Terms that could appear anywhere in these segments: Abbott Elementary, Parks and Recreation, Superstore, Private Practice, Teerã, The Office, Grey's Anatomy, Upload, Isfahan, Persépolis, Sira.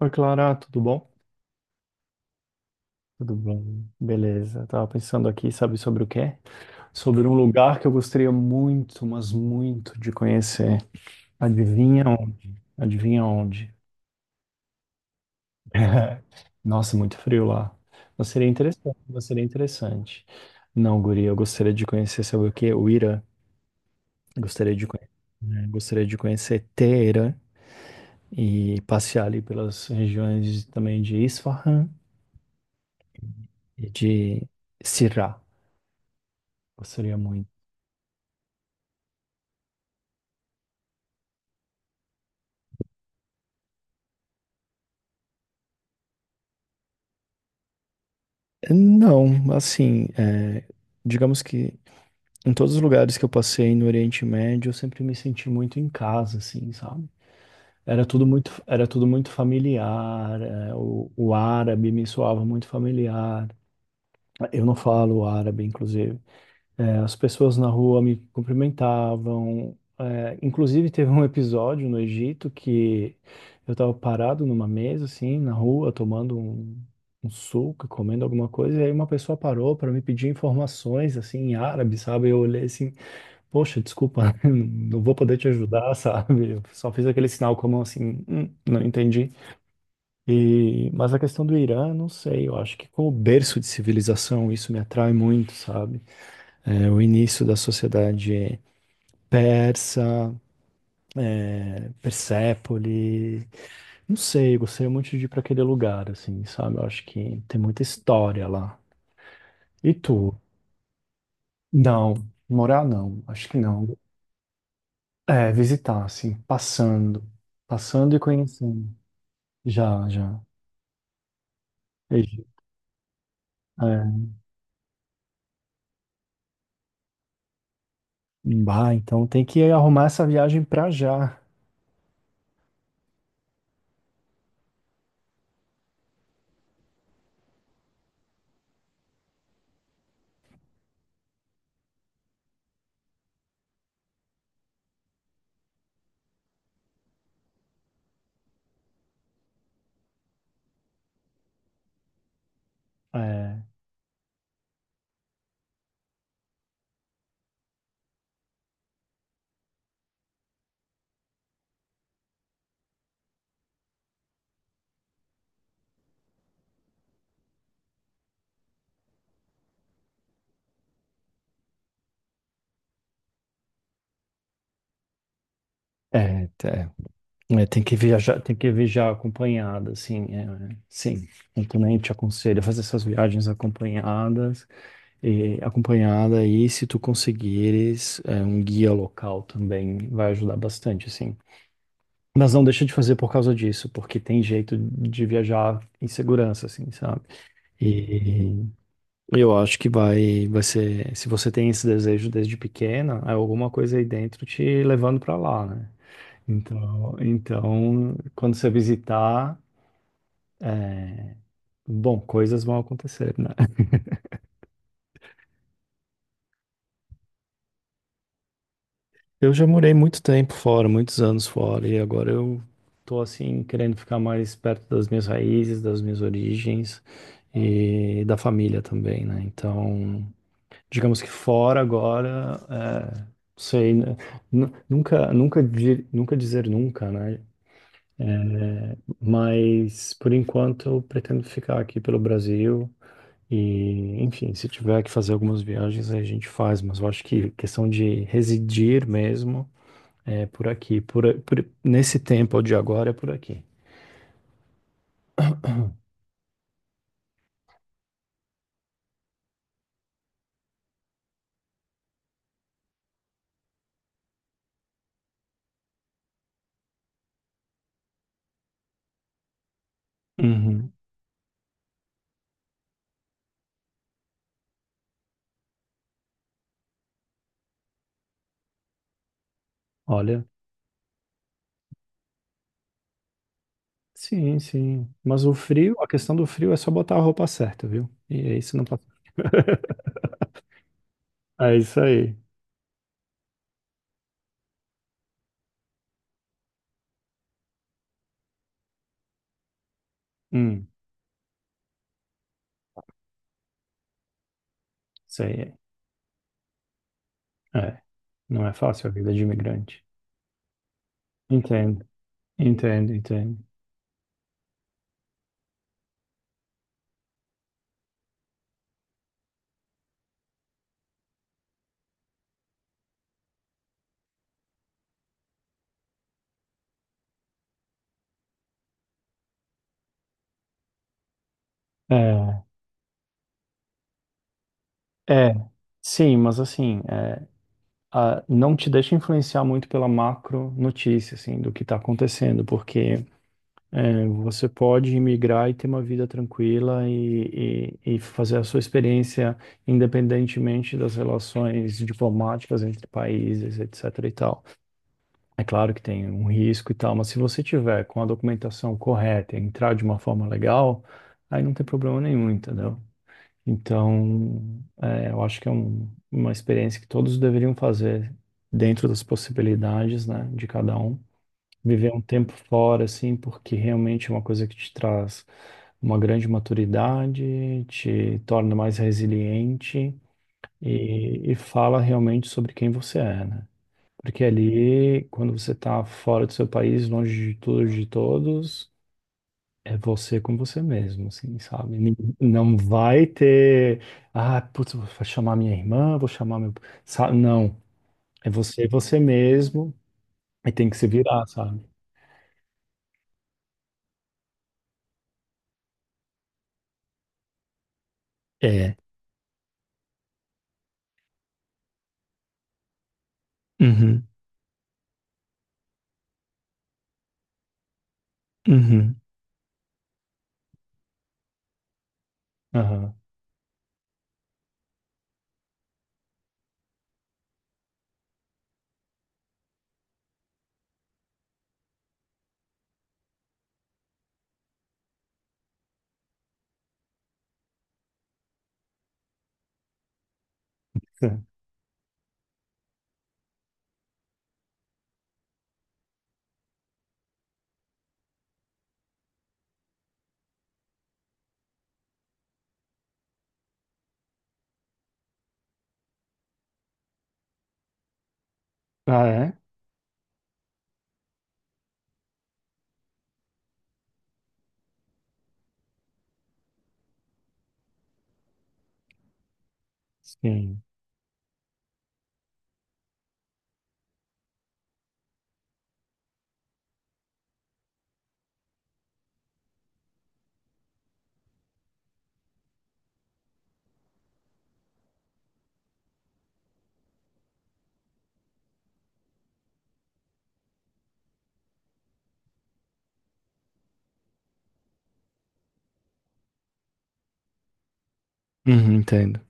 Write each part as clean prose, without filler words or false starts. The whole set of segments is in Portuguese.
Oi, Clara, tudo bom? Tudo bom? Beleza, tava pensando aqui, sabe sobre o quê? Sobre um lugar que eu gostaria muito, mas muito de conhecer. Adivinha onde? Adivinha onde? Nossa, muito frio lá. Mas seria interessante, mas seria interessante. Não, guria, eu gostaria de conhecer, sabe o quê? O Irã. Gostaria de conhecer, gostaria de conhecer Teherã e passear ali pelas regiões também de Isfahan e de Sirá. Gostaria muito. Não, assim, digamos que em todos os lugares que eu passei no Oriente Médio, eu sempre me senti muito em casa, assim, sabe? Era tudo muito familiar, o árabe me soava muito familiar. Eu não falo árabe, inclusive. É, as pessoas na rua me cumprimentavam. É, inclusive, teve um episódio no Egito que eu estava parado numa mesa, assim, na rua, tomando um suco, comendo alguma coisa, e aí uma pessoa parou para me pedir informações, assim, em árabe, sabe? Eu olhei assim, poxa, desculpa, não vou poder te ajudar, sabe? Eu só fiz aquele sinal com a mão assim, não entendi. E, mas a questão do Irã, não sei, eu acho que como berço de civilização, isso me atrai muito, sabe? O início da sociedade persa, Persépole, não sei, gostaria muito de ir para aquele lugar, assim, sabe? Eu acho que tem muita história lá. E tu? Não, morar não, acho que não. É, visitar, assim, passando, passando e conhecendo. Já, já. Egi- É, bah, então tem que arrumar essa viagem pra já. É, é. É, tem que viajar acompanhada, assim, sim. Eu também te aconselho a fazer essas viagens acompanhadas, e acompanhada e se tu conseguires um guia local também vai ajudar bastante, assim. Mas não deixa de fazer por causa disso, porque tem jeito de viajar em segurança, assim, sabe? E eu acho que vai ser, se você tem esse desejo desde pequena, é alguma coisa aí dentro te levando pra lá, né? Então, quando você visitar, bom, coisas vão acontecer, né? Eu já morei muito tempo fora, muitos anos fora, e agora eu tô assim querendo ficar mais perto das minhas raízes, das minhas origens e da família também, né? Então, digamos que fora agora, é, sei, né? Nunca, nunca dizer nunca, né? Mas por enquanto eu pretendo ficar aqui pelo Brasil. E, enfim, se tiver que fazer algumas viagens, aí a gente faz, mas eu acho que questão de residir mesmo é por aqui, nesse tempo de agora é por aqui. Uhum. Olha, sim, sim. Mas o frio, a questão do frio é só botar a roupa certa, viu? E aí você não passa. É isso aí. Hum, isso aí. É, é, não é fácil a vida de imigrante. Entendo, entendo, entendo. É, é. Sim, mas assim, é, ah, não te deixa influenciar muito pela macro notícia, assim, do que está acontecendo, porque é, você pode imigrar e ter uma vida tranquila e fazer a sua experiência independentemente das relações diplomáticas entre países, etc. e tal. É claro que tem um risco e tal, mas se você tiver com a documentação correta e entrar de uma forma legal, aí não tem problema nenhum, entendeu? Então, é, eu acho que é uma experiência que todos deveriam fazer dentro das possibilidades, né, de cada um. Viver um tempo fora, assim, porque realmente é uma coisa que te traz uma grande maturidade, te torna mais resiliente e fala realmente sobre quem você é, né? Porque ali, quando você está fora do seu país, longe de tudo, e de todos, é você com você mesmo, assim, sabe? Não vai ter, ah, putz, vou chamar minha irmã, vou chamar meu. Não, é você, você mesmo, e tem que se virar, sabe? É. Uhum. Uhum. Aham. Sim. Ah, é? Sim. Uhum, entendo.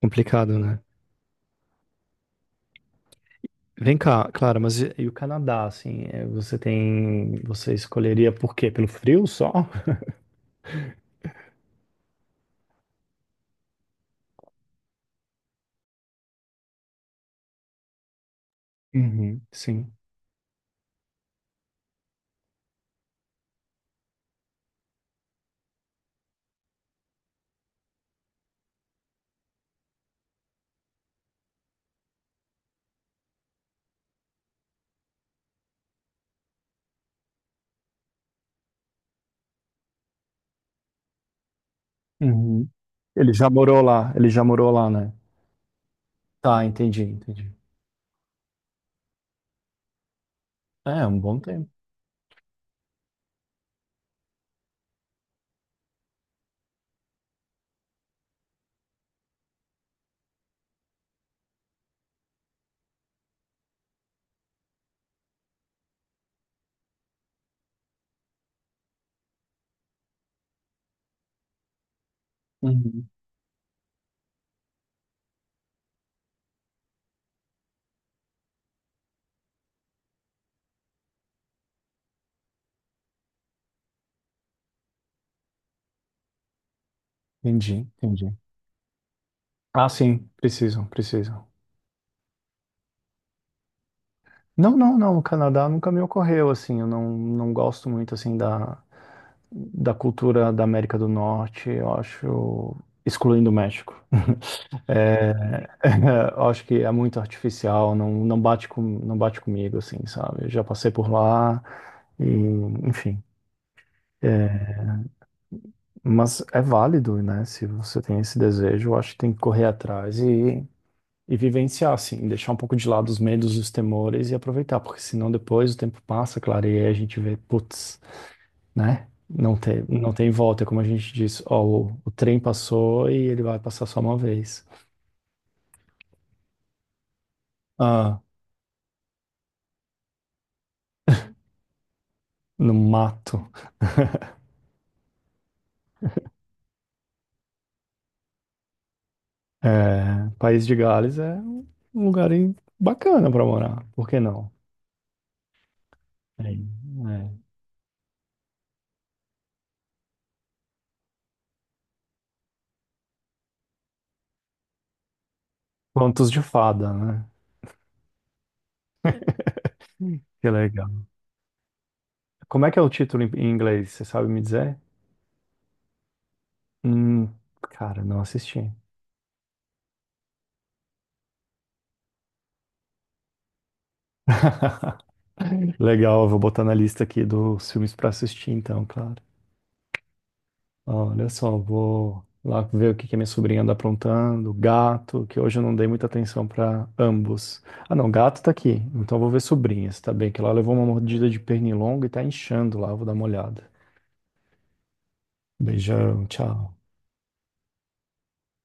Complicado, né? Vem cá, Clara, mas E o Canadá, assim, é, você tem. Você escolheria por quê? Pelo frio só? Uhum, sim. Uhum. Ele já morou lá, ele já morou lá, né? Tá, entendi, entendi. É, um bom tempo. Uhum. Entendi, entendi. Ah, sim, precisam, precisam. Não, não, não, o Canadá nunca me ocorreu, assim, eu não, não gosto muito, assim, da cultura da América do Norte, eu acho, excluindo o México. É, eu acho que é muito artificial, não, não bate com, não bate comigo, assim, sabe? Eu já passei por lá e, enfim. É, mas é válido, né? Se você tem esse desejo, eu acho que tem que correr atrás e vivenciar, assim, deixar um pouco de lado os medos, os temores e aproveitar, porque senão depois o tempo passa, clareia, e aí a gente vê, putz, né? Não tem, não tem volta, é como a gente diz, ó, o trem passou e ele vai passar só uma vez. Ah, no mato. É, País de Gales é um lugar bacana pra morar, por que não? É, é. Contos de fada, né? Que legal. Como é que é o título em inglês? Você sabe me dizer? Hum, cara, não assisti. Legal, eu vou botar na lista aqui dos filmes pra assistir, então, claro. Olha só, vou lá ver o que que a minha sobrinha anda aprontando, gato, que hoje eu não dei muita atenção pra ambos. Ah, não, gato tá aqui, então eu vou ver sobrinha, se tá bem, que ela levou uma mordida de pernilongo e tá inchando lá, eu vou dar uma olhada. Beijão, tchau.